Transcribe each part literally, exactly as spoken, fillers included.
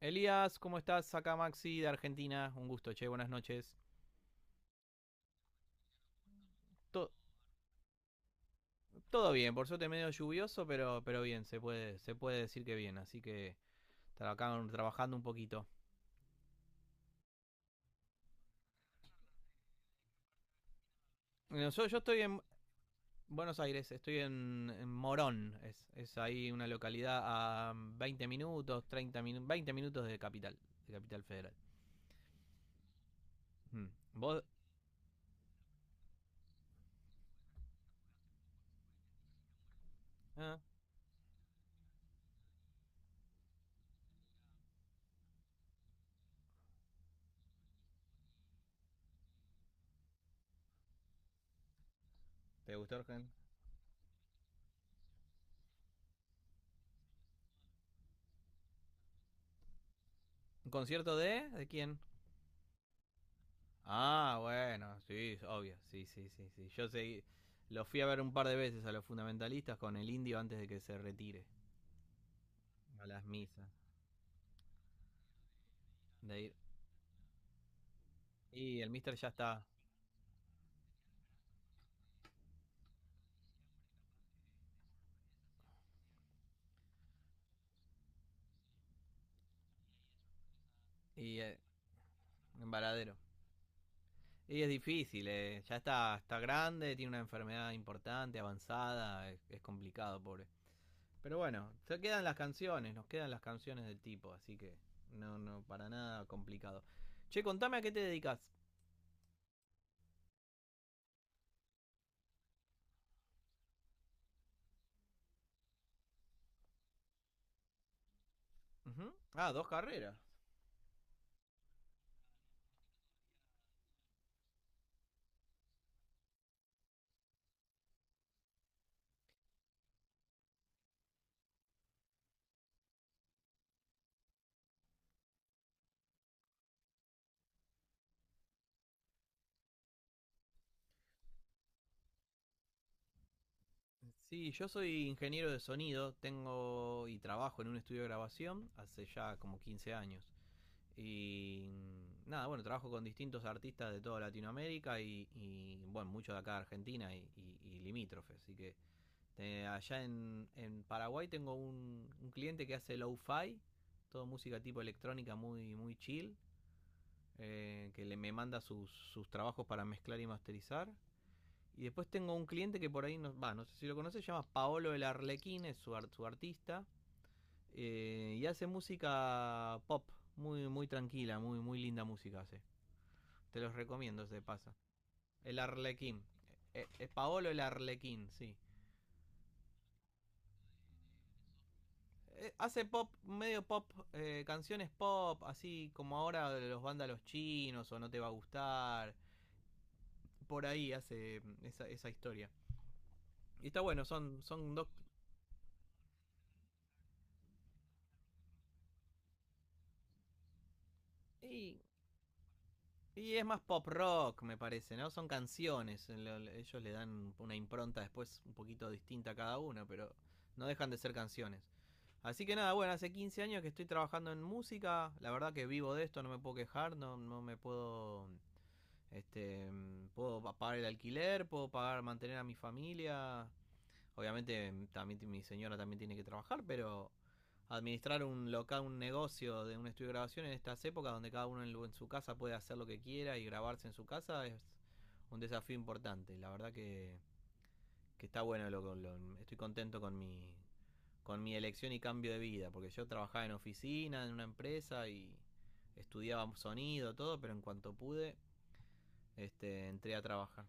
Elías, ¿cómo estás? Acá Maxi de Argentina. Un gusto, che, buenas noches. To- todo bien, por suerte medio lluvioso, pero, pero bien, se puede, se puede decir que bien. Así que tra- acá trabajando un poquito. Bueno, Yo, yo estoy en Buenos Aires, estoy en, en Morón. Es, es ahí una localidad a veinte minutos, treinta minutos, veinte minutos de Capital, de Capital Federal. Mm. ¿Vos? Ah, ¿te gustó, Argen? ¿Un concierto de? ¿De quién? Ah, bueno, sí, obvio, sí, sí, sí, sí. Yo seguí, lo fui a ver un par de veces a los fundamentalistas con el indio antes de que se retire a las misas. De ir. Y el mister ya está, y eh, en varadero. Y es difícil, eh, ya está, está grande, tiene una enfermedad importante, avanzada, es, es complicado, pobre. Pero bueno, se quedan las canciones, nos quedan las canciones del tipo, así que no, no, para nada complicado. Che, contame a qué te dedicas. Ujú. Ah, dos carreras. Sí, yo soy ingeniero de sonido, tengo y trabajo en un estudio de grabación hace ya como quince años. Y mm, nada, bueno, trabajo con distintos artistas de toda Latinoamérica y, y, bueno, muchos de acá de Argentina y, y- y limítrofes. Así que eh, allá en, en Paraguay tengo un, un cliente que hace lo-fi, todo música tipo electrónica muy, muy chill, eh, que le, me manda sus, sus trabajos para mezclar y masterizar. Y después tengo un cliente que por ahí, no, va, no sé si lo conoces, se llama Paolo el Arlequín, es su, art- su artista. eh, y hace música pop, muy, muy tranquila, muy, muy linda música hace. Te los recomiendo, se pasa. El Arlequín. Eh, eh, Paolo el Arlequín, sí. Eh, hace pop, medio pop, eh, canciones pop, así como ahora de los vándalos chinos o no te va a gustar. Por ahí hace mm, esa, esa historia. Y está bueno, son, son dos... Y Y es más pop rock, me parece, ¿no? Son canciones. Ellos le dan una impronta después un poquito distinta a cada una, pero no dejan de ser canciones. Así que nada, bueno, hace quince años que estoy trabajando en música. La verdad que vivo de esto, no me puedo quejar, no, no me puedo. Este, mm, puedo pagar el alquiler, puedo pagar, mantener a mi familia. Obviamente mm, también mi señora también tiene que trabajar, pero administrar un local, un negocio de un estudio de grabación en estas épocas donde cada uno en, en su casa puede hacer lo que quiera y grabarse en su casa es un desafío importante. La verdad que, que está bueno, lo, lo, estoy contento con mi, con mi elección y cambio de vida, porque yo trabajaba en oficina, en una empresa y estudiaba sonido, todo, pero en cuanto pude, este, entré a trabajar.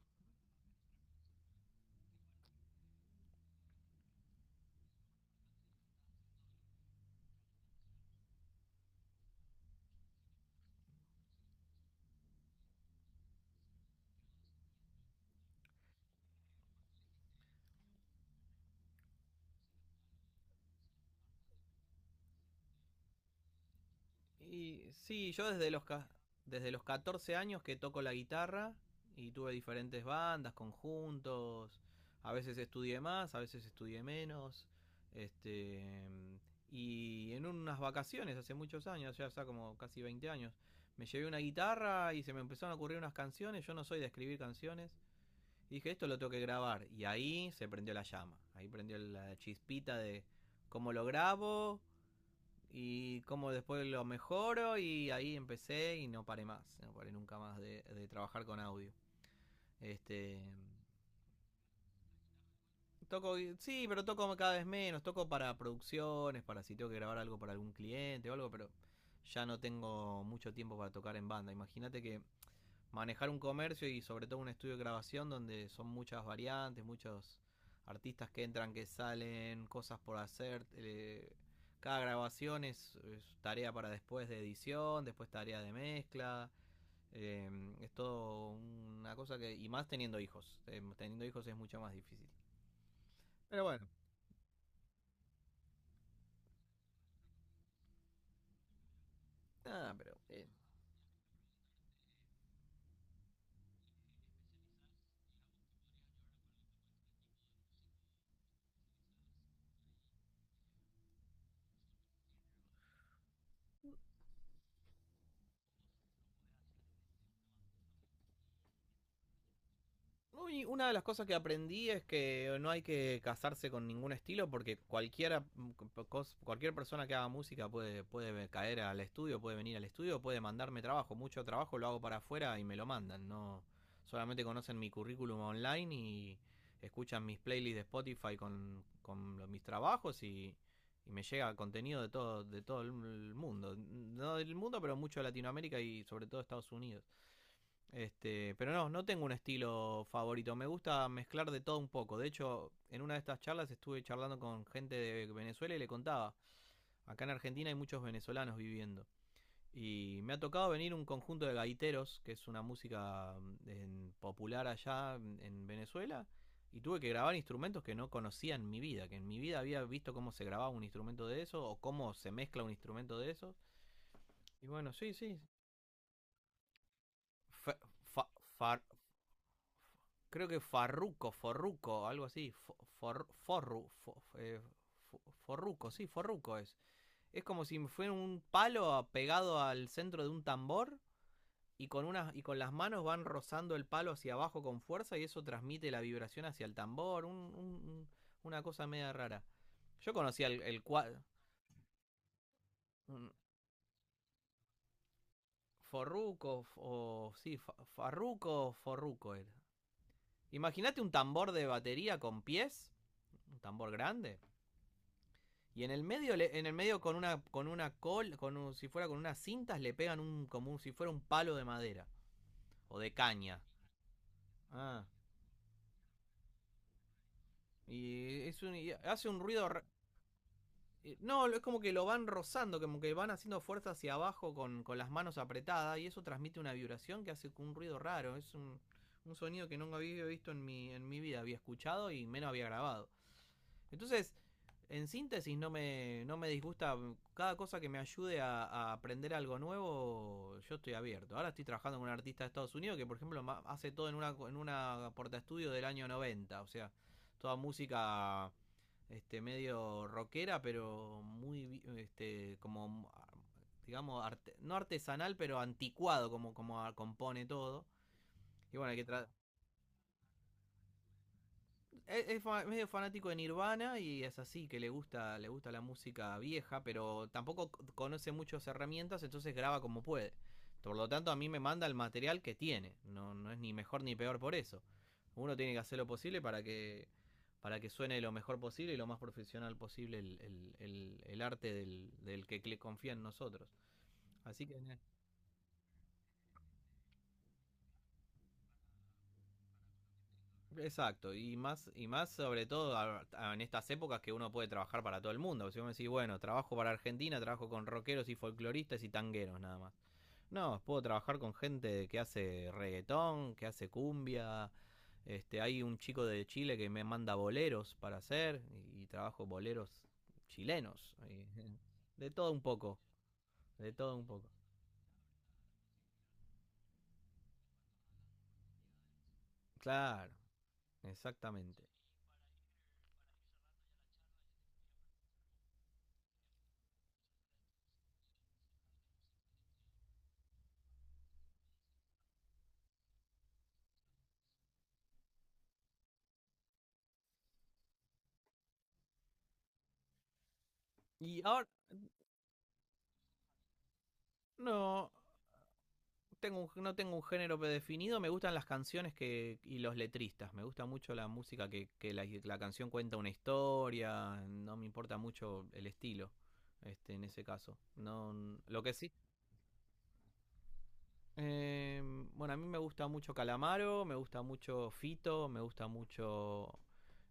Y sí, yo desde los, ca- desde los catorce años que toco la guitarra y tuve diferentes bandas, conjuntos. A veces estudié más, a veces estudié menos. Este, mm, y en unas vacaciones hace muchos años, ya hace como casi veinte años, me llevé una guitarra y se me empezaron a ocurrir unas canciones. Yo no soy de escribir canciones. Y dije, esto lo tengo que grabar. Y ahí se prendió la llama. Ahí prendió la chispita de cómo lo grabo, y como después lo mejoro y ahí empecé y no paré más, no paré nunca más de, de trabajar con audio. Este, toco, sí, pero toco cada vez menos, toco para producciones, para si tengo que grabar algo para algún cliente o algo, pero ya no tengo mucho tiempo para tocar en banda. Imagínate que manejar un comercio y sobre todo un estudio de grabación donde son muchas variantes, muchos artistas que entran, que salen, cosas por hacer. eh, cada grabación es, es tarea para después de edición, después tarea de mezcla. eh, es todo una cosa que... Y más teniendo hijos. eh, teniendo hijos es mucho más difícil. Pero bueno, ah, pero... eh, Uy, una de las cosas que aprendí es que no hay que casarse con ningún estilo porque cualquiera, cos- cualquier persona que haga música puede, puede caer al estudio, puede venir al estudio, puede mandarme trabajo. Mucho trabajo lo hago para afuera y me lo mandan. No solamente conocen mi currículum online y escuchan mis playlists de Spotify con, con los- mis trabajos y, y me llega contenido de todo, de todo el mundo. No del mundo, pero mucho de Latinoamérica y sobre todo Estados Unidos. Este, pero no, no tengo un estilo favorito. Me gusta mezclar de todo un poco. De hecho, en una de estas charlas estuve charlando con gente de Venezuela y le contaba. Acá en Argentina hay muchos venezolanos viviendo. Y me ha tocado venir un conjunto de gaiteros, que es una música mm, en- popular allá mm, en Venezuela. Y tuve que grabar instrumentos que no conocía en mi vida, que en mi vida había visto cómo se grababa un instrumento de eso o cómo se mezcla un instrumento de eso. Y bueno, sí, sí. Fa- fa- far- Creo que Farruco, Forruco, algo así. For, for- forru, fo- eh, fo- forruco, sí, Forruco es. Es como si fuera un palo pegado al centro de un tambor y con, unas, y con las manos van rozando el palo hacia abajo con fuerza y eso transmite la vibración hacia el tambor. un- un- una cosa media rara. Yo conocía el, el cua- Forruco, o sí, fa- Farruco, Forruco era. Imagínate un tambor de batería con pies, un tambor grande. Y en el medio, en el medio con una, con una col, con un- si fuera con unas cintas, le pegan un, como un- si fuera un palo de madera o de caña. Ah, y, es un, y hace un ruido, eh, no, es como que lo van rozando, como que van haciendo fuerza hacia abajo con, con las manos apretadas y eso transmite una vibración que hace un ruido raro. Es un, un sonido que nunca había visto en mi, en mi vida, había escuchado y menos había grabado. Entonces, en síntesis, no me, no me disgusta. Cada cosa que me ayude a, a aprender algo nuevo, yo estoy abierto. Ahora estoy trabajando con un artista de Estados Unidos que, por ejemplo, hace todo en una, en una porta estudio del año noventa. O sea, toda música este medio rockera, pero muy este como digamos arte- no artesanal, pero anticuado como como compone todo. Y bueno, hay que tra- Es, es medio fanático de Nirvana y es así, que le gusta, le gusta la música vieja, pero tampoco conoce muchas herramientas, entonces graba como puede. Por lo tanto, a mí me manda el material que tiene. No, no es ni mejor ni peor por eso. Uno tiene que hacer lo posible para que, para que suene lo mejor posible y lo más profesional posible el, el- el- el arte del, del que le confía en nosotros. Así que eh, exacto, y más, y más sobre todo a- a- en estas épocas que uno puede trabajar para todo el mundo. Si vos me decís, bueno, trabajo para Argentina, trabajo con rockeros y folcloristas y tangueros nada más. No, puedo trabajar con gente que hace reggaetón, que hace cumbia. Este, hay un chico de Chile que me manda boleros para hacer y, y trabajo boleros chilenos. Y- De todo un poco, de todo un poco. Claro, exactamente. Y ahora, no, tengo un- no tengo un género predefinido, me gustan las canciones que y los letristas, me gusta mucho la música que, que la, la canción cuenta una historia, no me importa mucho el estilo, este, en ese caso. No, lo que sí, eh, bueno, a mí me gusta mucho Calamaro, me gusta mucho Fito, me gusta mucho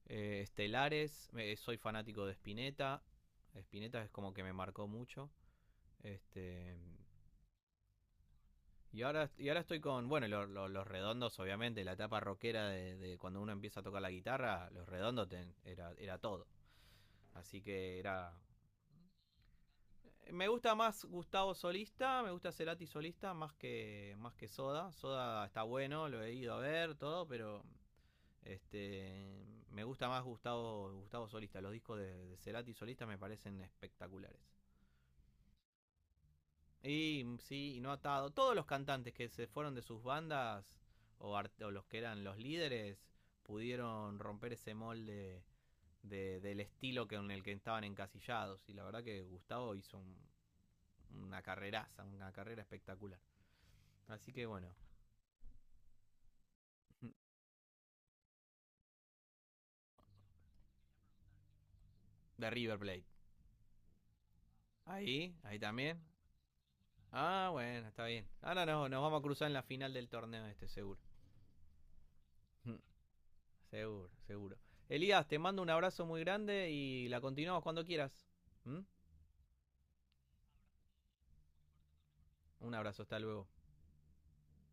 eh, Estelares, me- soy fanático de Spinetta, Spinetta es como que me marcó mucho, este, y ahora, y ahora estoy con, bueno, lo- lo- los redondos, obviamente, la etapa rockera de, de cuando uno empieza a tocar la guitarra, los redondos ten- era, era todo. Así que era... Me gusta más Gustavo solista, me gusta Cerati solista más que, más que Soda. Soda está bueno, lo he ido a ver, todo, pero este me gusta más Gustavo, Gustavo solista. Los discos de, de Cerati solista me parecen espectaculares. Y mm, sí, y no atado. Todos los cantantes que se fueron de sus bandas o, o los que eran los líderes pudieron romper ese molde de- del estilo que, en el que estaban encasillados. Y la verdad que Gustavo hizo un- una carreraza, una carrera espectacular. Así que bueno, de River Plate. Ahí, ahí también. Ah, bueno, está bien. Ahora no, nos vamos a cruzar en la final del torneo este, seguro. Seguro, seguro. Elías, te mando un abrazo muy grande y la continuamos cuando quieras. ¿Mm? Un abrazo, hasta luego.